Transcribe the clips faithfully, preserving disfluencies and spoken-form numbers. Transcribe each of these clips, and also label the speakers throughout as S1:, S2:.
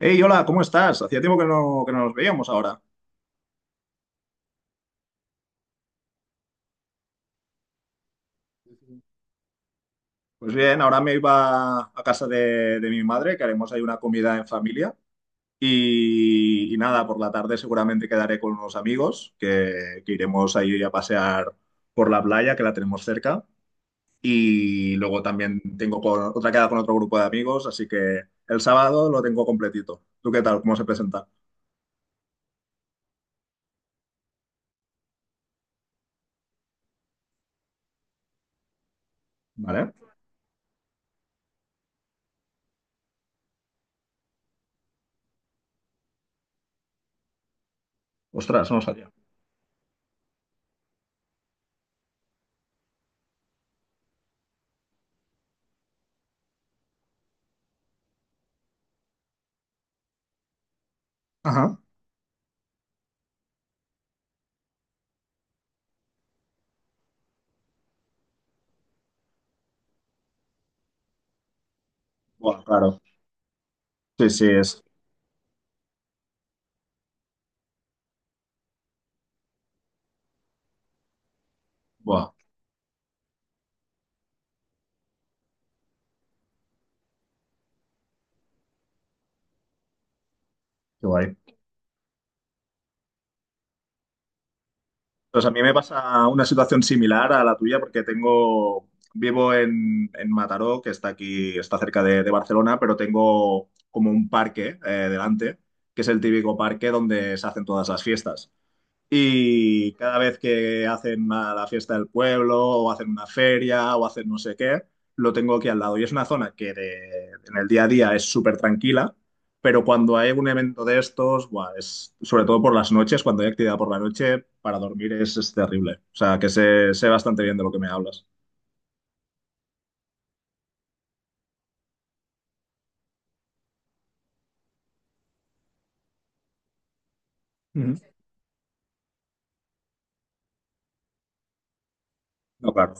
S1: Hey, hola, ¿cómo estás? Hacía tiempo que no, que no nos veíamos ahora. Pues bien, ahora me iba a casa de, de mi madre, que haremos ahí una comida en familia. Y, y nada, por la tarde seguramente quedaré con unos amigos que, que iremos ahí a pasear por la playa, que la tenemos cerca. Y luego también tengo con- otra queda con otro grupo de amigos, así que el sábado lo tengo completito. ¿Tú qué tal? ¿Cómo se presenta? ¿Vale? Ostras, no lo sabía. Ajá. Buah, claro. Sí, sí, es. Buah, qué guay. Pues a mí me pasa una situación similar a la tuya porque tengo, vivo en, en Mataró, que está aquí, está cerca de, de Barcelona, pero tengo como un parque eh, delante, que es el típico parque donde se hacen todas las fiestas. Y cada vez que hacen una- la fiesta del pueblo, o hacen una feria, o hacen no sé qué, lo tengo aquí al lado. Y es una zona que de- en el día a día es súper tranquila, pero cuando hay un evento de estos, buah, es, sobre todo por las noches, cuando hay actividad por la noche, para dormir es, es terrible. O sea, que sé, sé bastante bien de lo que me hablas. Ujú. No, claro.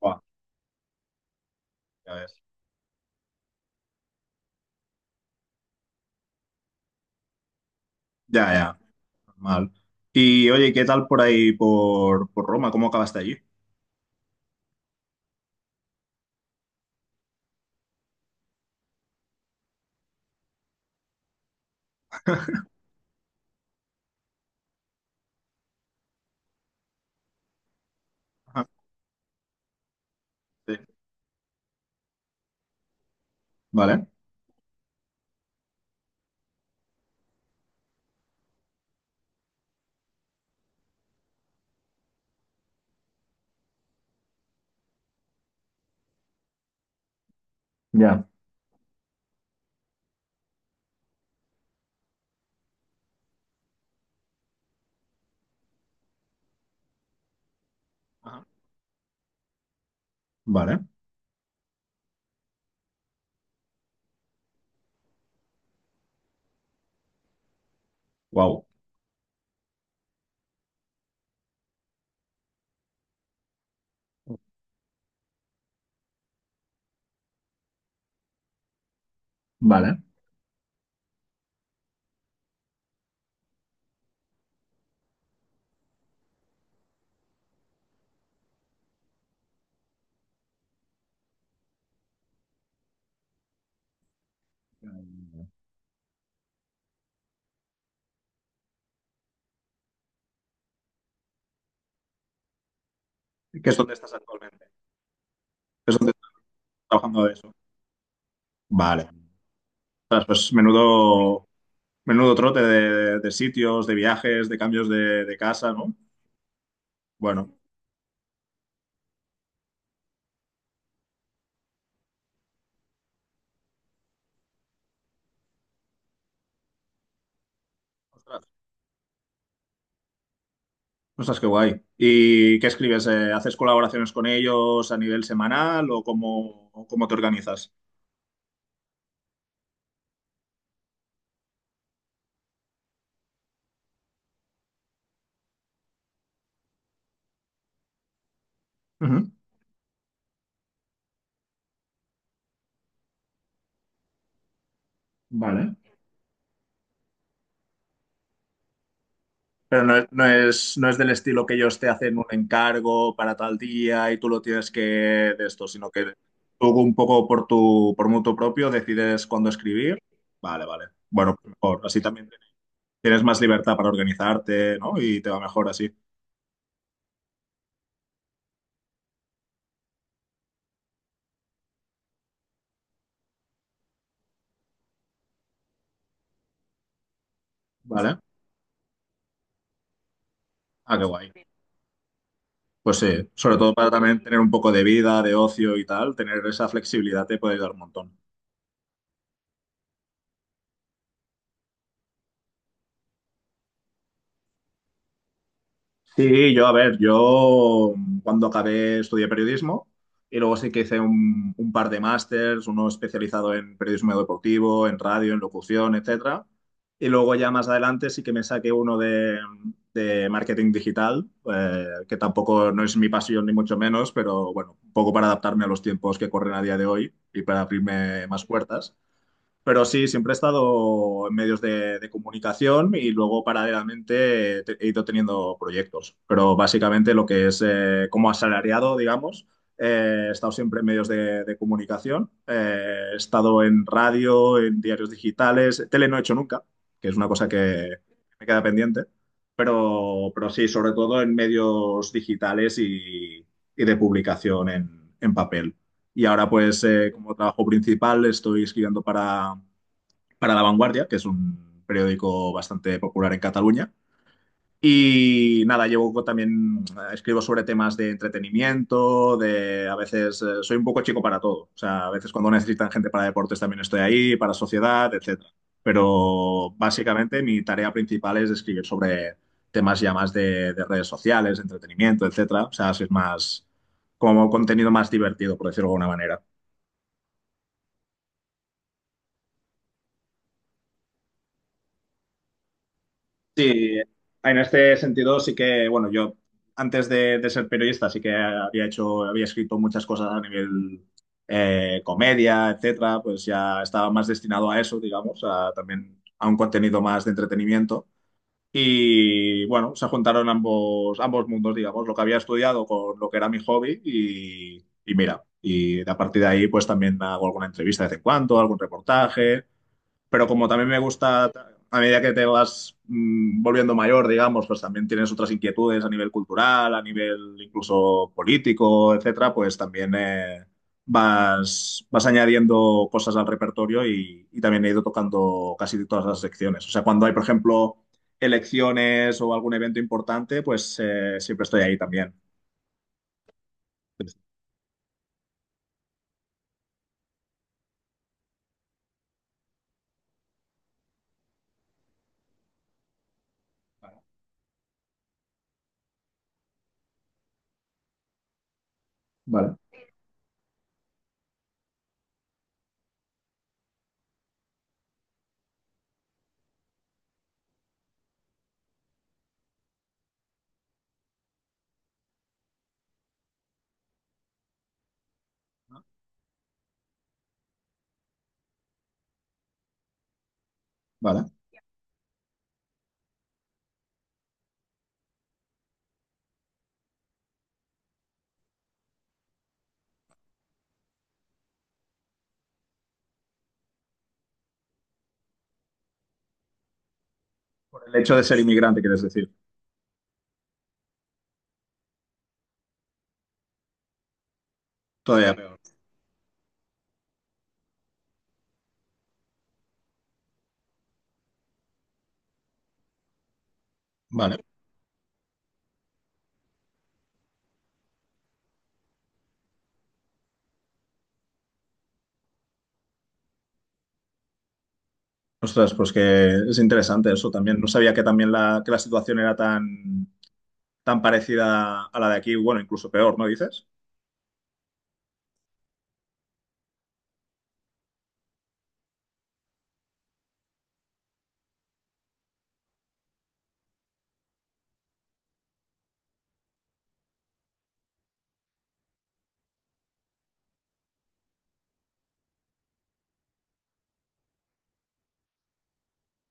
S1: Buah, ya ves. Ya, ya, normal. Y oye, ¿qué tal por ahí, por, por Roma? ¿Cómo acabaste allí? Ajá, sí. Vale. Ya. Ajá. Vale. Wow. Vale. ¿Qué es donde estás actualmente? ¿Qué es donde estás trabajando de eso? Vale. Ostras, pues menudo, menudo trote de, de sitios, de viajes, de cambios de, de casa, ¿no? Bueno, ostras, ostras, qué guay. ¿Y qué escribes? Eh, ¿Haces colaboraciones con ellos a nivel semanal o cómo, o cómo te organizas? Ujú. Vale. Pero no, es, no es no es del estilo que ellos te hacen un encargo para tal día y tú lo tienes que de esto, sino que tú un poco por tu, por mutuo propio decides cuándo escribir. Vale, vale. Bueno, pues mejor. Así también tienes más libertad para organizarte, ¿no? Y te va mejor así. Vale. Ah, qué guay. Pues sí, sobre todo para también tener un poco de vida, de ocio y tal, tener esa flexibilidad te puede ayudar un montón. Sí, yo, a ver, yo mm, cuando acabé estudié periodismo y luego sí que hice un, un par de másters, uno especializado en periodismo deportivo, en radio, en locución, etcétera. Y luego ya más adelante sí que me saqué uno de, de marketing digital, eh, que tampoco no es mi pasión ni mucho menos, pero bueno, un poco para adaptarme a los tiempos que corren a día de hoy y para abrirme más puertas. Pero sí, siempre he estado en medios de, de comunicación y luego paralelamente te- he ido teniendo proyectos. Pero básicamente lo que es eh, como asalariado, digamos, eh, he estado siempre en medios de, de comunicación. Eh, he estado en radio, en diarios digitales. Tele no he hecho nunca, que es una cosa que me queda pendiente. Pero, pero sí, sobre todo en medios digitales y, y de publicación en, en papel. Y ahora pues eh, como trabajo principal estoy escribiendo para para La Vanguardia, que es un periódico bastante popular en Cataluña. Y nada, llevo también, eh, escribo sobre temas de entretenimiento, de a veces eh, soy un poco chico para todo. O sea, a veces cuando necesitan gente para deportes también estoy ahí, para sociedad, etcétera. Pero básicamente mi tarea principal es escribir sobre temas ya más de, de redes sociales, de entretenimiento, etcétera. O sea, si es más como contenido más divertido, por decirlo de alguna manera. Sí, en este sentido sí que, bueno, yo antes de, de ser periodista sí que había hecho, había escrito muchas cosas a nivel eh, comedia, etcétera, pues ya estaba más destinado a eso, digamos, a también a un contenido más de entretenimiento. Y bueno, se juntaron ambos, ambos mundos, digamos, lo que había estudiado con lo que era mi hobby y, y mira, y a partir de ahí pues también hago alguna entrevista de vez en cuando, algún reportaje pero como también me gusta, a medida que te vas mm, volviendo mayor, digamos, pues también tienes otras inquietudes a nivel cultural, a nivel incluso político, etcétera, pues también eh, vas, vas añadiendo cosas al repertorio y, y también he ido tocando casi todas las secciones. O sea, cuando hay, por ejemplo, elecciones o algún evento importante, pues eh, siempre estoy ahí también. Vale, vale. Por el hecho de ser inmigrante, quieres decir. Todavía peor. Vale. Ostras, pues que es interesante eso también. No sabía que también la, que la situación era tan, tan parecida a la de aquí, bueno, incluso peor, ¿no dices?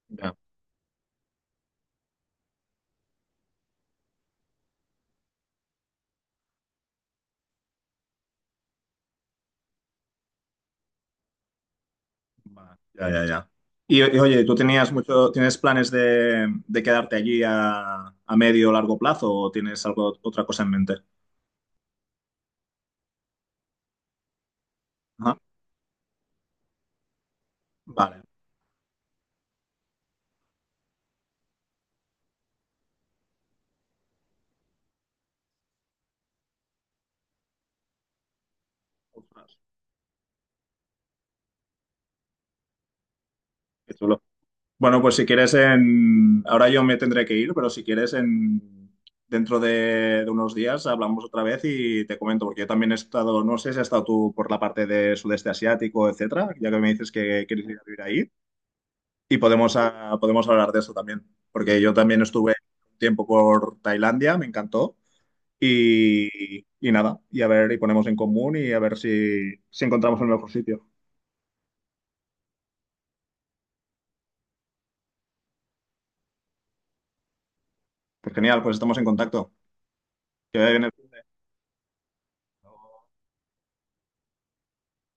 S1: Ya. Va, ya, ya, ya. Y, y, oye, ¿tú tenías mucho, tienes planes de, de quedarte allí a, a medio o largo plazo o tienes algo, otra cosa en mente? Ajá. Vale. Ostras, qué chulo. Bueno, pues si quieres en... Ahora yo me tendré que ir, pero si quieres en... dentro de, de unos días hablamos otra vez y te comento, porque yo también he estado, no sé si has estado tú por la parte de sudeste asiático, etcétera, ya que me dices que quieres ir a vivir ahí, y podemos, ah, podemos hablar de eso también, porque yo también estuve un tiempo por Tailandia, me encantó, y, y nada, y a ver, y ponemos en común y a ver si, si encontramos el mejor sitio. Pues genial, pues estamos en contacto. Que vaya bien el-